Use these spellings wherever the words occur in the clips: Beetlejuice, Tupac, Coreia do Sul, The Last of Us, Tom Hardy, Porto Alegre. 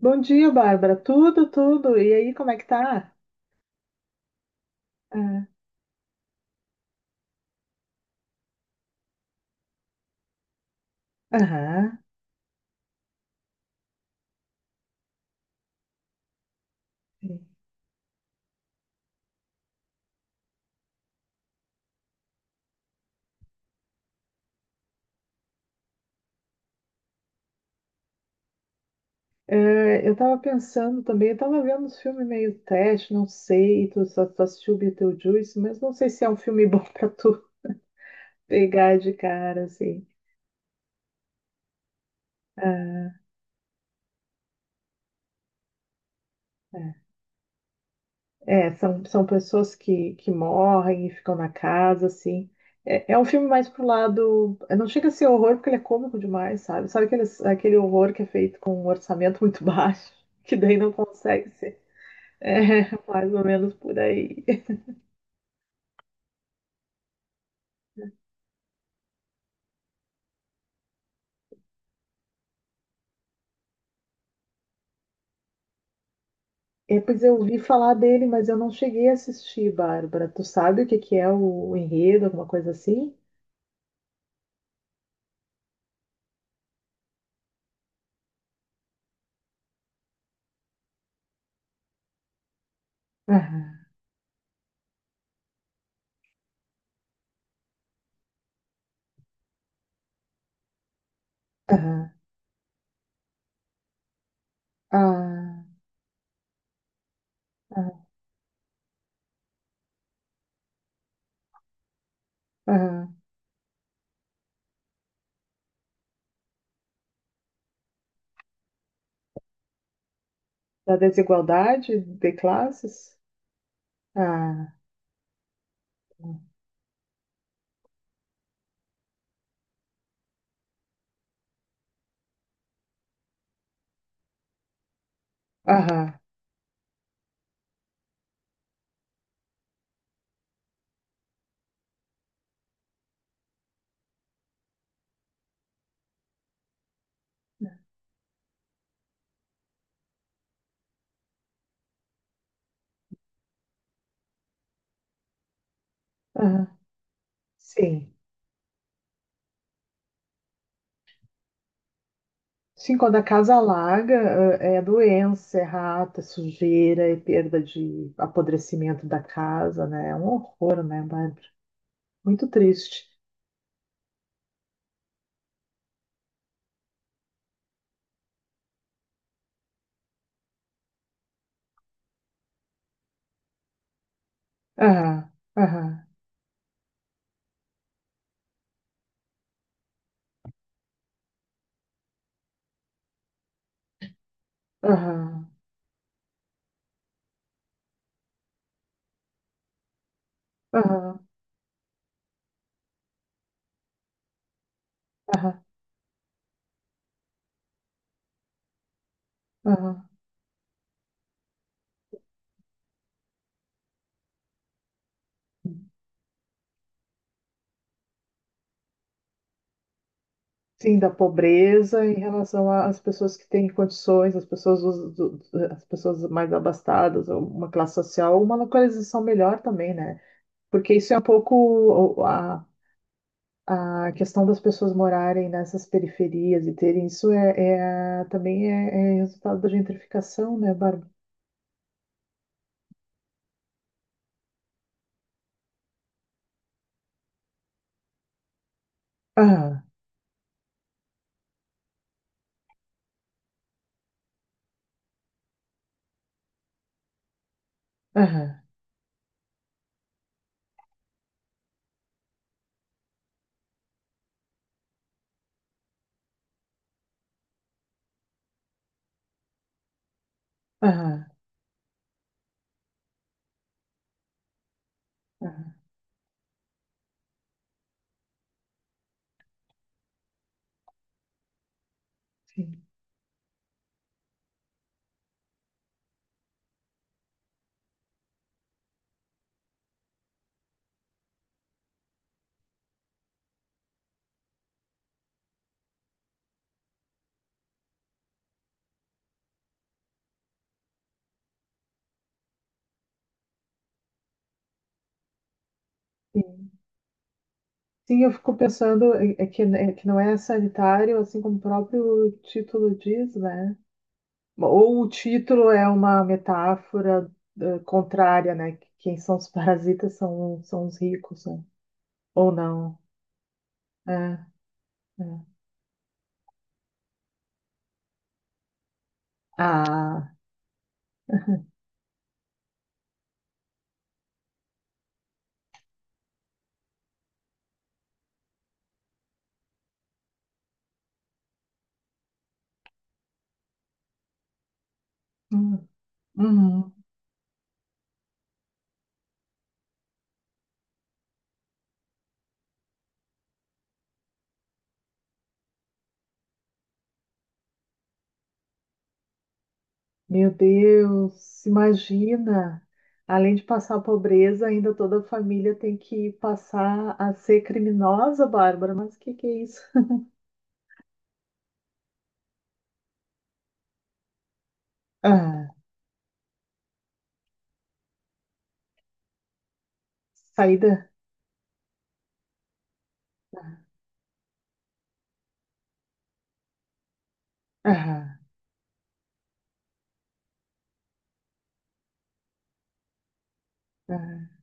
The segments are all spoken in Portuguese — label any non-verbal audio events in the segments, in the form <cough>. Bom dia, Bárbara. Tudo, tudo. E aí, como é que tá? Ah. Aham. É, eu tava pensando também, eu tava vendo uns filmes meio teste, não sei, tu assistiu Beetlejuice, mas não sei se é um filme bom <laughs> pra tu pegar de cara, assim. Ah, é. São pessoas que morrem e ficam na casa, assim. É um filme mais pro lado. Não chega a ser horror porque ele é cômico demais, sabe? Sabe aquele horror que é feito com um orçamento muito <laughs> baixo, que daí não consegue ser. É, <laughs> mais ou menos por aí. É, pois eu ouvi falar dele, mas eu não cheguei a assistir, Bárbara. Tu sabe o que que é o enredo, alguma coisa assim? Aham, aham, ah, ah, aham. Da desigualdade de classes? Ah, ah, aham, aham. Sim. Sim, quando a casa alaga, eh, é doença, é rato, é sujeira, é perda de apodrecimento da casa, né? É um horror, né, Bárbara? Muito triste. Aham, aham. Aham, aham, aham, aham. Sim, da pobreza em relação às pessoas que têm condições, as pessoas, as pessoas mais abastadas, ou uma classe social, uma localização melhor também, né? Porque isso é um pouco o- a, a questão das pessoas morarem nessas periferias e terem isso também é resultado da gentrificação, né, Bárbara? Aham, aham, aham, aham, sim. Sim, eu fico pensando é que, né, é que não é sanitário, assim como o próprio título diz, né? Ou o título é uma metáfora eh, contrária, né? Quem são os parasitas são os ricos, né? Ou não. É, é. Ah, hum, uhum. Meu Deus, imagina! Além de passar a pobreza, ainda toda a família tem que passar a ser criminosa, Bárbara. Mas o que que é isso? <laughs> Ah, saída. Ah. É,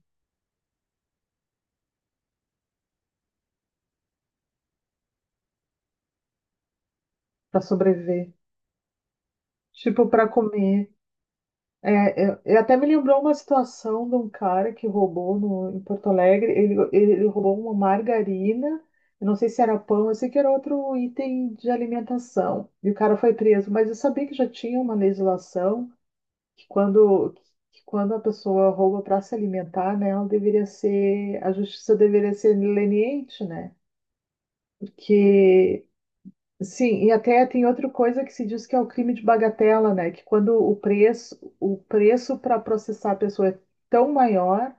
para sobreviver. Tipo, para comer. É, é, até me lembrou uma situação de um cara que roubou no, em Porto Alegre. Ele roubou uma margarina. Eu não sei se era pão, eu sei que era outro item de alimentação. E o cara foi preso. Mas eu sabia que já tinha uma legislação que quando, que quando a pessoa rouba para se alimentar, né, ela deveria ser, a justiça deveria ser leniente, né? Porque. Sim, e até tem outra coisa que se diz que é o crime de bagatela, né? Que quando o preço para processar a pessoa é tão maior,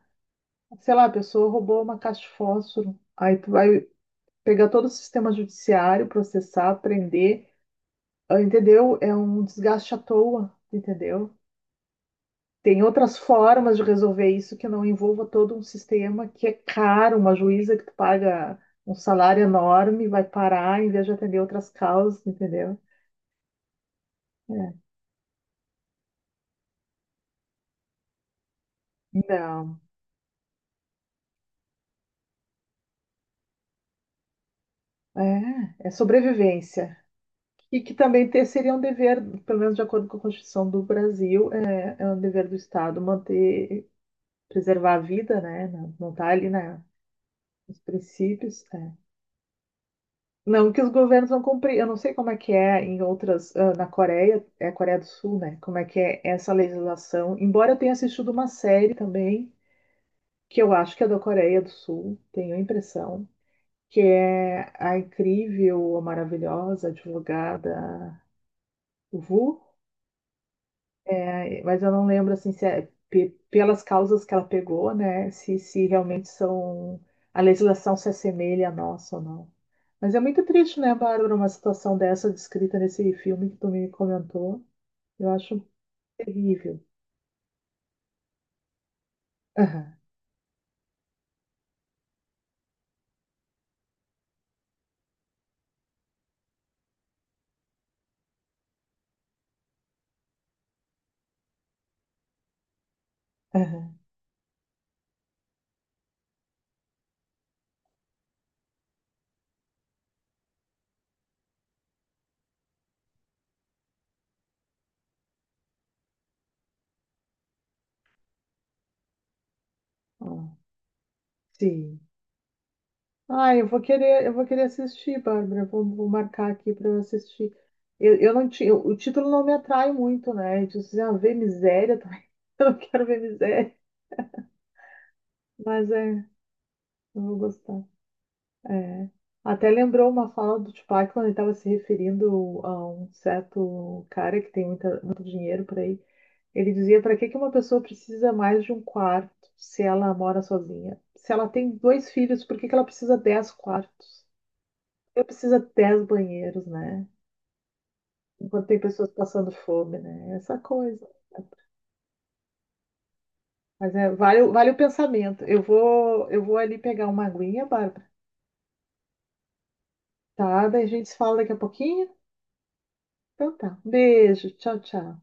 sei lá, a pessoa roubou uma caixa de fósforo, aí tu vai pegar todo o sistema judiciário, processar, prender, ah, entendeu? É um desgaste à toa, entendeu? Tem outras formas de resolver isso que não envolva todo um sistema que é caro, uma juíza que tu paga um salário enorme, vai parar em vez de atender outras causas, entendeu? É. Não. É, é sobrevivência. E que também seria um dever, pelo menos de acordo com a Constituição do Brasil, é um dever do Estado manter, preservar a vida, né? Não, não tá ali nos princípios. É. Não que os governos vão cumprir. Eu não sei como é que é em outras, ah, na Coreia, é a Coreia do Sul, né? Como é que é essa legislação. Embora eu tenha assistido uma série também, que eu acho que é da Coreia do Sul, tenho a impressão, que é a incrível, a maravilhosa advogada Vu. É, mas eu não lembro assim se é pelas causas que ela pegou, né? Se realmente são a legislação se assemelha à nossa ou não. Mas é muito triste, né, Bárbara, uma situação dessa descrita nesse filme que tu me comentou. Eu acho terrível. Aham, aham, ó, sim. Ah, eu vou querer assistir, Bárbara. Vou marcar aqui para eu assistir. Eu não tinha, o título não me atrai muito, né? Eu disse, ah, ver miséria também. <laughs> Eu não quero ver miséria, mas é, eu vou gostar. É. Até lembrou uma fala do Tupac quando ele estava se referindo a um certo cara que tem muito dinheiro por aí. Ele dizia: para que que uma pessoa precisa mais de um quarto se ela mora sozinha? Se ela tem dois filhos, por que que ela precisa 10 quartos? Ela precisa 10 banheiros, né? Enquanto tem pessoas passando fome, né? Essa coisa. Mas é, vale, vale o pensamento. Eu vou ali pegar uma aguinha, Bárbara. Tá? Daí a gente se fala daqui a pouquinho. Então tá. Um beijo. Tchau, tchau.